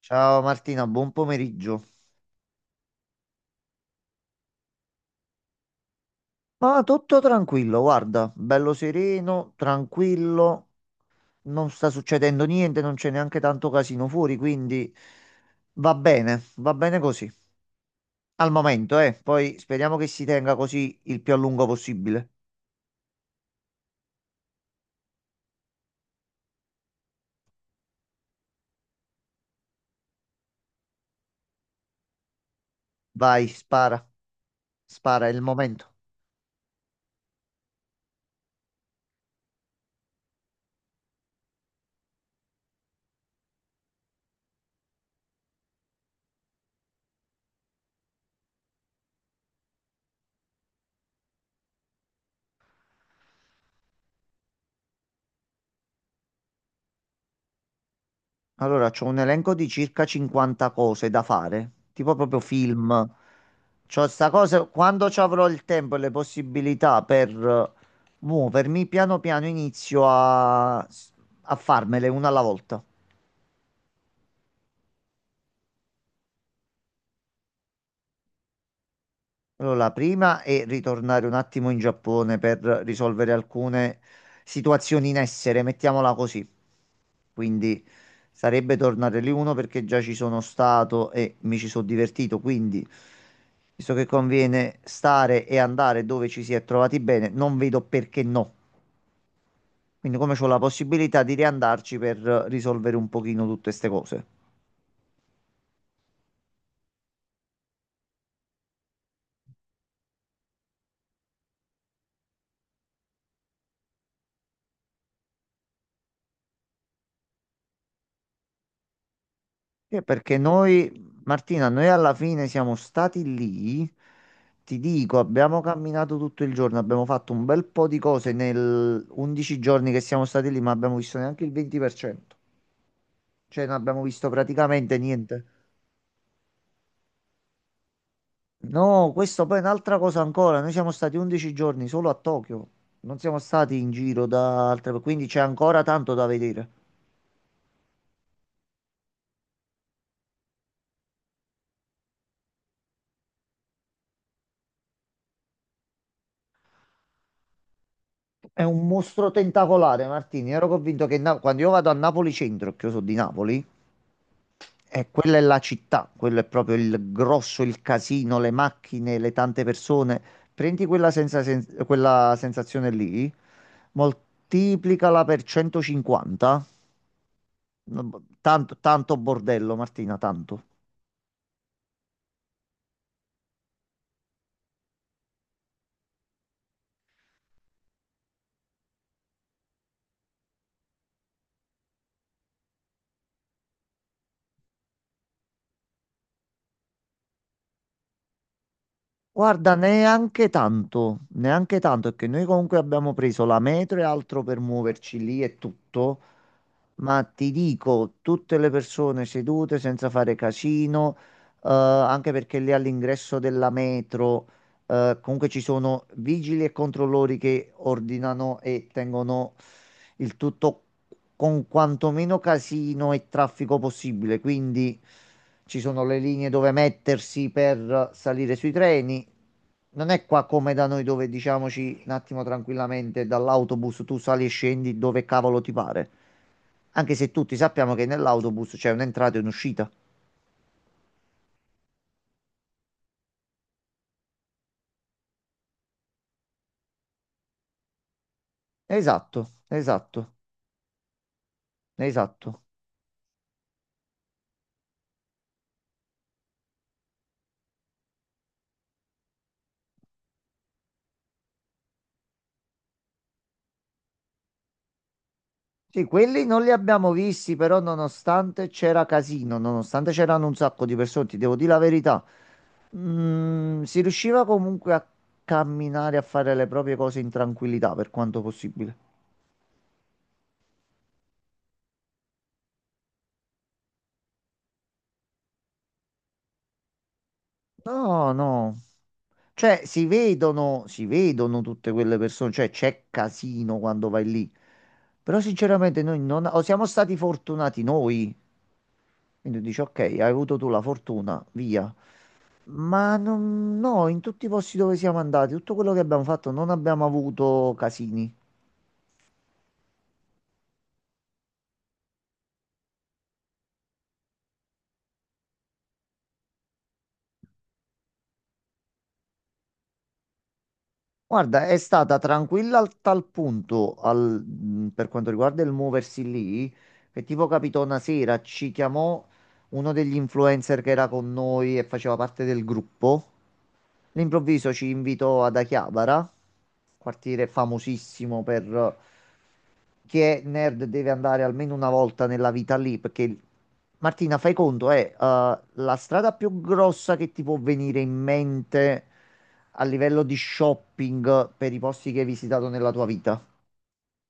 Ciao Martina, buon pomeriggio. Ma tutto tranquillo, guarda, bello sereno, tranquillo, non sta succedendo niente, non c'è neanche tanto casino fuori, quindi va bene così. Al momento, poi speriamo che si tenga così il più a lungo possibile. Vai, spara, spara, è il momento. Allora, c'ho un elenco di circa 50 cose da fare, tipo proprio film. C'ho sta cosa, quando ci avrò il tempo e le possibilità per muovermi, piano piano inizio a farmele una alla volta. Allora, la prima è ritornare un attimo in Giappone per risolvere alcune situazioni in essere, mettiamola così. Quindi sarebbe tornare lì uno perché già ci sono stato e mi ci sono divertito, quindi visto che conviene stare e andare dove ci si è trovati bene, non vedo perché no. Quindi come c'ho la possibilità di riandarci per risolvere un pochino tutte queste cose. Sì, perché noi, Martina, noi alla fine siamo stati lì, ti dico, abbiamo camminato tutto il giorno, abbiamo fatto un bel po' di cose nel 11 giorni che siamo stati lì, ma abbiamo visto neanche il 20%, cioè non abbiamo visto praticamente niente. No, questo poi è un'altra cosa ancora, noi siamo stati 11 giorni solo a Tokyo, non siamo stati in giro da altre, quindi c'è ancora tanto da vedere. È un mostro tentacolare, Martini. Ero convinto che quando io vado a Napoli centro, che io sono di Napoli, e quella è la città, quello è proprio il grosso, il casino, le macchine, le tante persone. Prendi quella, quella sensazione lì, moltiplicala per 150. Tanto, tanto bordello, Martina, tanto. Guarda, neanche tanto, perché noi comunque abbiamo preso la metro e altro per muoverci lì e tutto. Ma ti dico, tutte le persone sedute senza fare casino, anche perché lì all'ingresso della metro, comunque ci sono vigili e controllori che ordinano e tengono il tutto con quantomeno casino e traffico possibile. Quindi ci sono le linee dove mettersi per salire sui treni. Non è qua come da noi dove diciamoci un attimo tranquillamente dall'autobus tu sali e scendi dove cavolo ti pare. Anche se tutti sappiamo che nell'autobus c'è un'entrata e un'uscita. Esatto, esatto, esatto. Sì, quelli non li abbiamo visti, però nonostante c'era casino, nonostante c'erano un sacco di persone, ti devo dire la verità, si riusciva comunque a camminare, a fare le proprie cose in tranquillità per quanto possibile. No, no. Cioè, si vedono tutte quelle persone, cioè c'è casino quando vai lì. Però sinceramente noi non o siamo stati fortunati noi. Quindi dici, ok, hai avuto tu la fortuna, via. Ma non- no, in tutti i posti dove siamo andati, tutto quello che abbiamo fatto, non abbiamo avuto casini. Guarda, è stata tranquilla al tal punto per quanto riguarda il muoversi lì, che tipo capitò una sera, ci chiamò uno degli influencer che era con noi e faceva parte del gruppo. All'improvviso ci invitò ad Achiabara, quartiere famosissimo per che è nerd deve andare almeno una volta nella vita lì, perché Martina, fai conto, è la strada più grossa che ti può venire in mente a livello di shopping per i posti che hai visitato nella tua vita.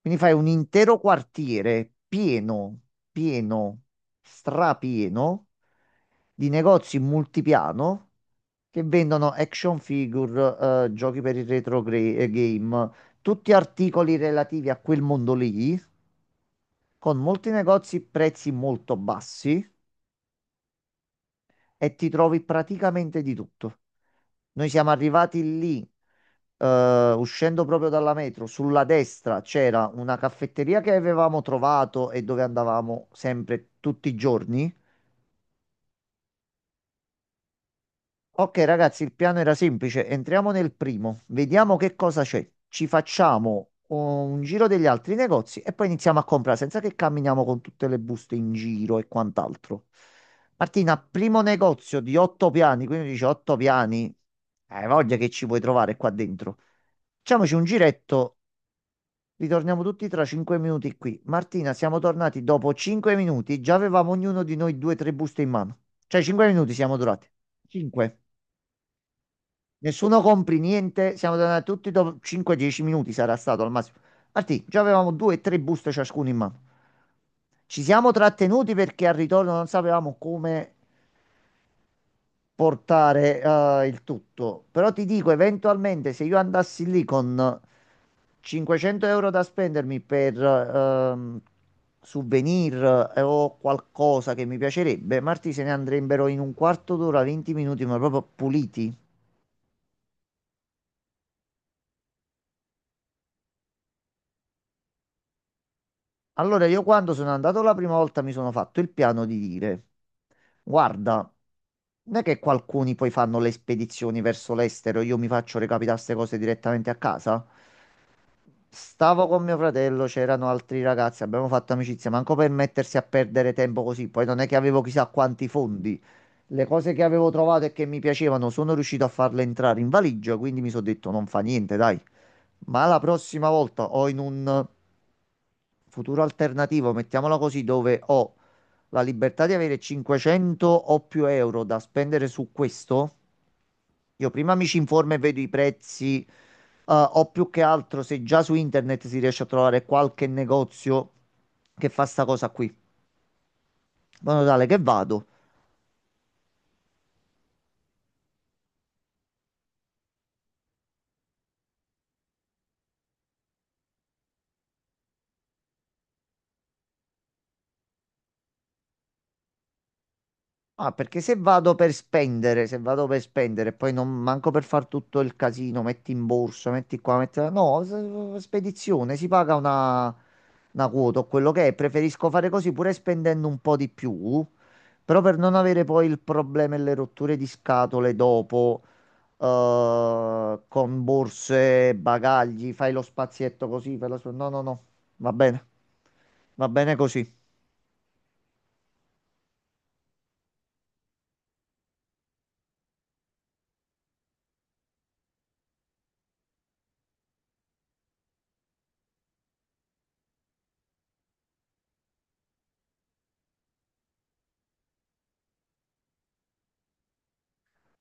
Quindi fai un intero quartiere pieno, pieno, strapieno di negozi multipiano che vendono action figure, giochi per il retro game, tutti articoli relativi a quel mondo lì con molti negozi prezzi molto bassi e ti trovi praticamente di tutto. Noi siamo arrivati lì, uscendo proprio dalla metro, sulla destra c'era una caffetteria che avevamo trovato e dove andavamo sempre tutti i giorni. Ok, ragazzi, il piano era semplice. Entriamo nel primo, vediamo che cosa c'è. Ci facciamo un giro degli altri negozi e poi iniziamo a comprare senza che camminiamo con tutte le buste in giro e quant'altro. Martina, primo negozio di otto piani, quindi dice otto piani. Hai voglia che ci puoi trovare qua dentro. Facciamoci un giretto, ritorniamo tutti tra 5 minuti qui. Martina, siamo tornati dopo 5 minuti, già avevamo ognuno di noi due o tre buste in mano. Cioè, 5 minuti siamo durati. Cinque. Nessuno compri niente, siamo tornati tutti dopo 5-10 minuti sarà stato al massimo. Martì, già avevamo due o tre buste ciascuno in mano. Ci siamo trattenuti perché al ritorno non sapevamo come portare il tutto. Però ti dico, eventualmente se io andassi lì con 500 euro da spendermi per souvenir o qualcosa che mi piacerebbe, Martì se ne andrebbero in un quarto d'ora, 20 minuti, ma proprio puliti. Allora, io quando sono andato la prima volta mi sono fatto il piano di dire, guarda, non è che qualcuno poi fanno le spedizioni verso l'estero, io mi faccio recapitare queste cose direttamente a casa. Stavo con mio fratello, c'erano altri ragazzi, abbiamo fatto amicizia, manco per mettersi a perdere tempo così, poi non è che avevo chissà quanti fondi. Le cose che avevo trovato e che mi piacevano sono riuscito a farle entrare in valigia, quindi mi sono detto non fa niente, dai. Ma la prossima volta o in un futuro alternativo, mettiamola così, dove ho la libertà di avere 500 o più euro da spendere su questo, io prima mi ci informo e vedo i prezzi, o più che altro se già su internet si riesce a trovare qualche negozio che fa sta cosa qui. In modo tale che vado. Ah, perché se vado per spendere, se vado per spendere, poi non manco per far tutto il casino, metti in borsa, metti qua, metti là. No, spedizione, si paga una quota o quello che è. Preferisco fare così pure spendendo un po' di più, però per non avere poi il problema e le rotture di scatole dopo, con borse, bagagli, fai lo spazietto così, No, no, no, va bene, va bene così.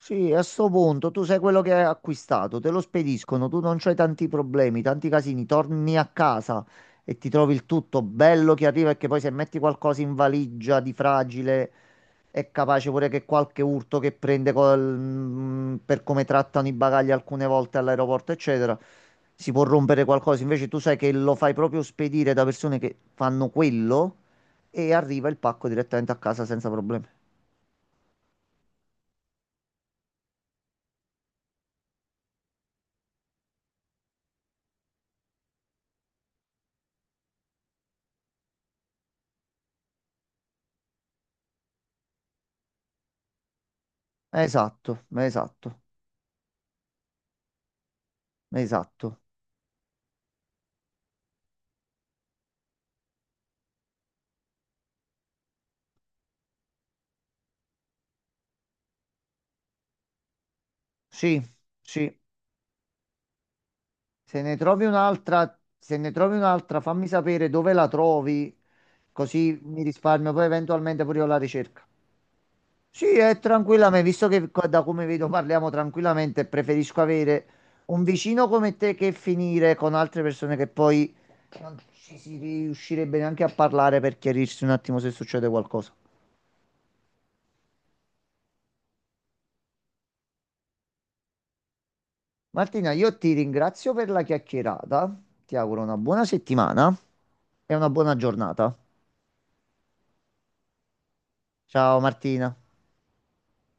Sì, a sto punto tu sei quello che hai acquistato, te lo spediscono, tu non c'hai tanti problemi, tanti casini, torni a casa e ti trovi il tutto bello che arriva e che poi se metti qualcosa in valigia di fragile è capace pure che qualche urto che prende per come trattano i bagagli alcune volte all'aeroporto, eccetera, si può rompere qualcosa. Invece tu sai che lo fai proprio spedire da persone che fanno quello e arriva il pacco direttamente a casa senza problemi. Esatto, esatto, esatto. Sì, sì. Se ne trovi un'altra, se ne trovi un'altra, fammi sapere dove la trovi, così mi risparmio poi eventualmente pure io la ricerca. Sì, è tranquillamente, visto che qua- da come vedo parliamo tranquillamente, preferisco avere un vicino come te che finire con altre persone che poi non ci si riuscirebbe neanche a parlare per chiarirsi un attimo se succede qualcosa. Martina, io ti ringrazio per la chiacchierata, ti auguro una buona settimana e una buona giornata. Ciao Martina.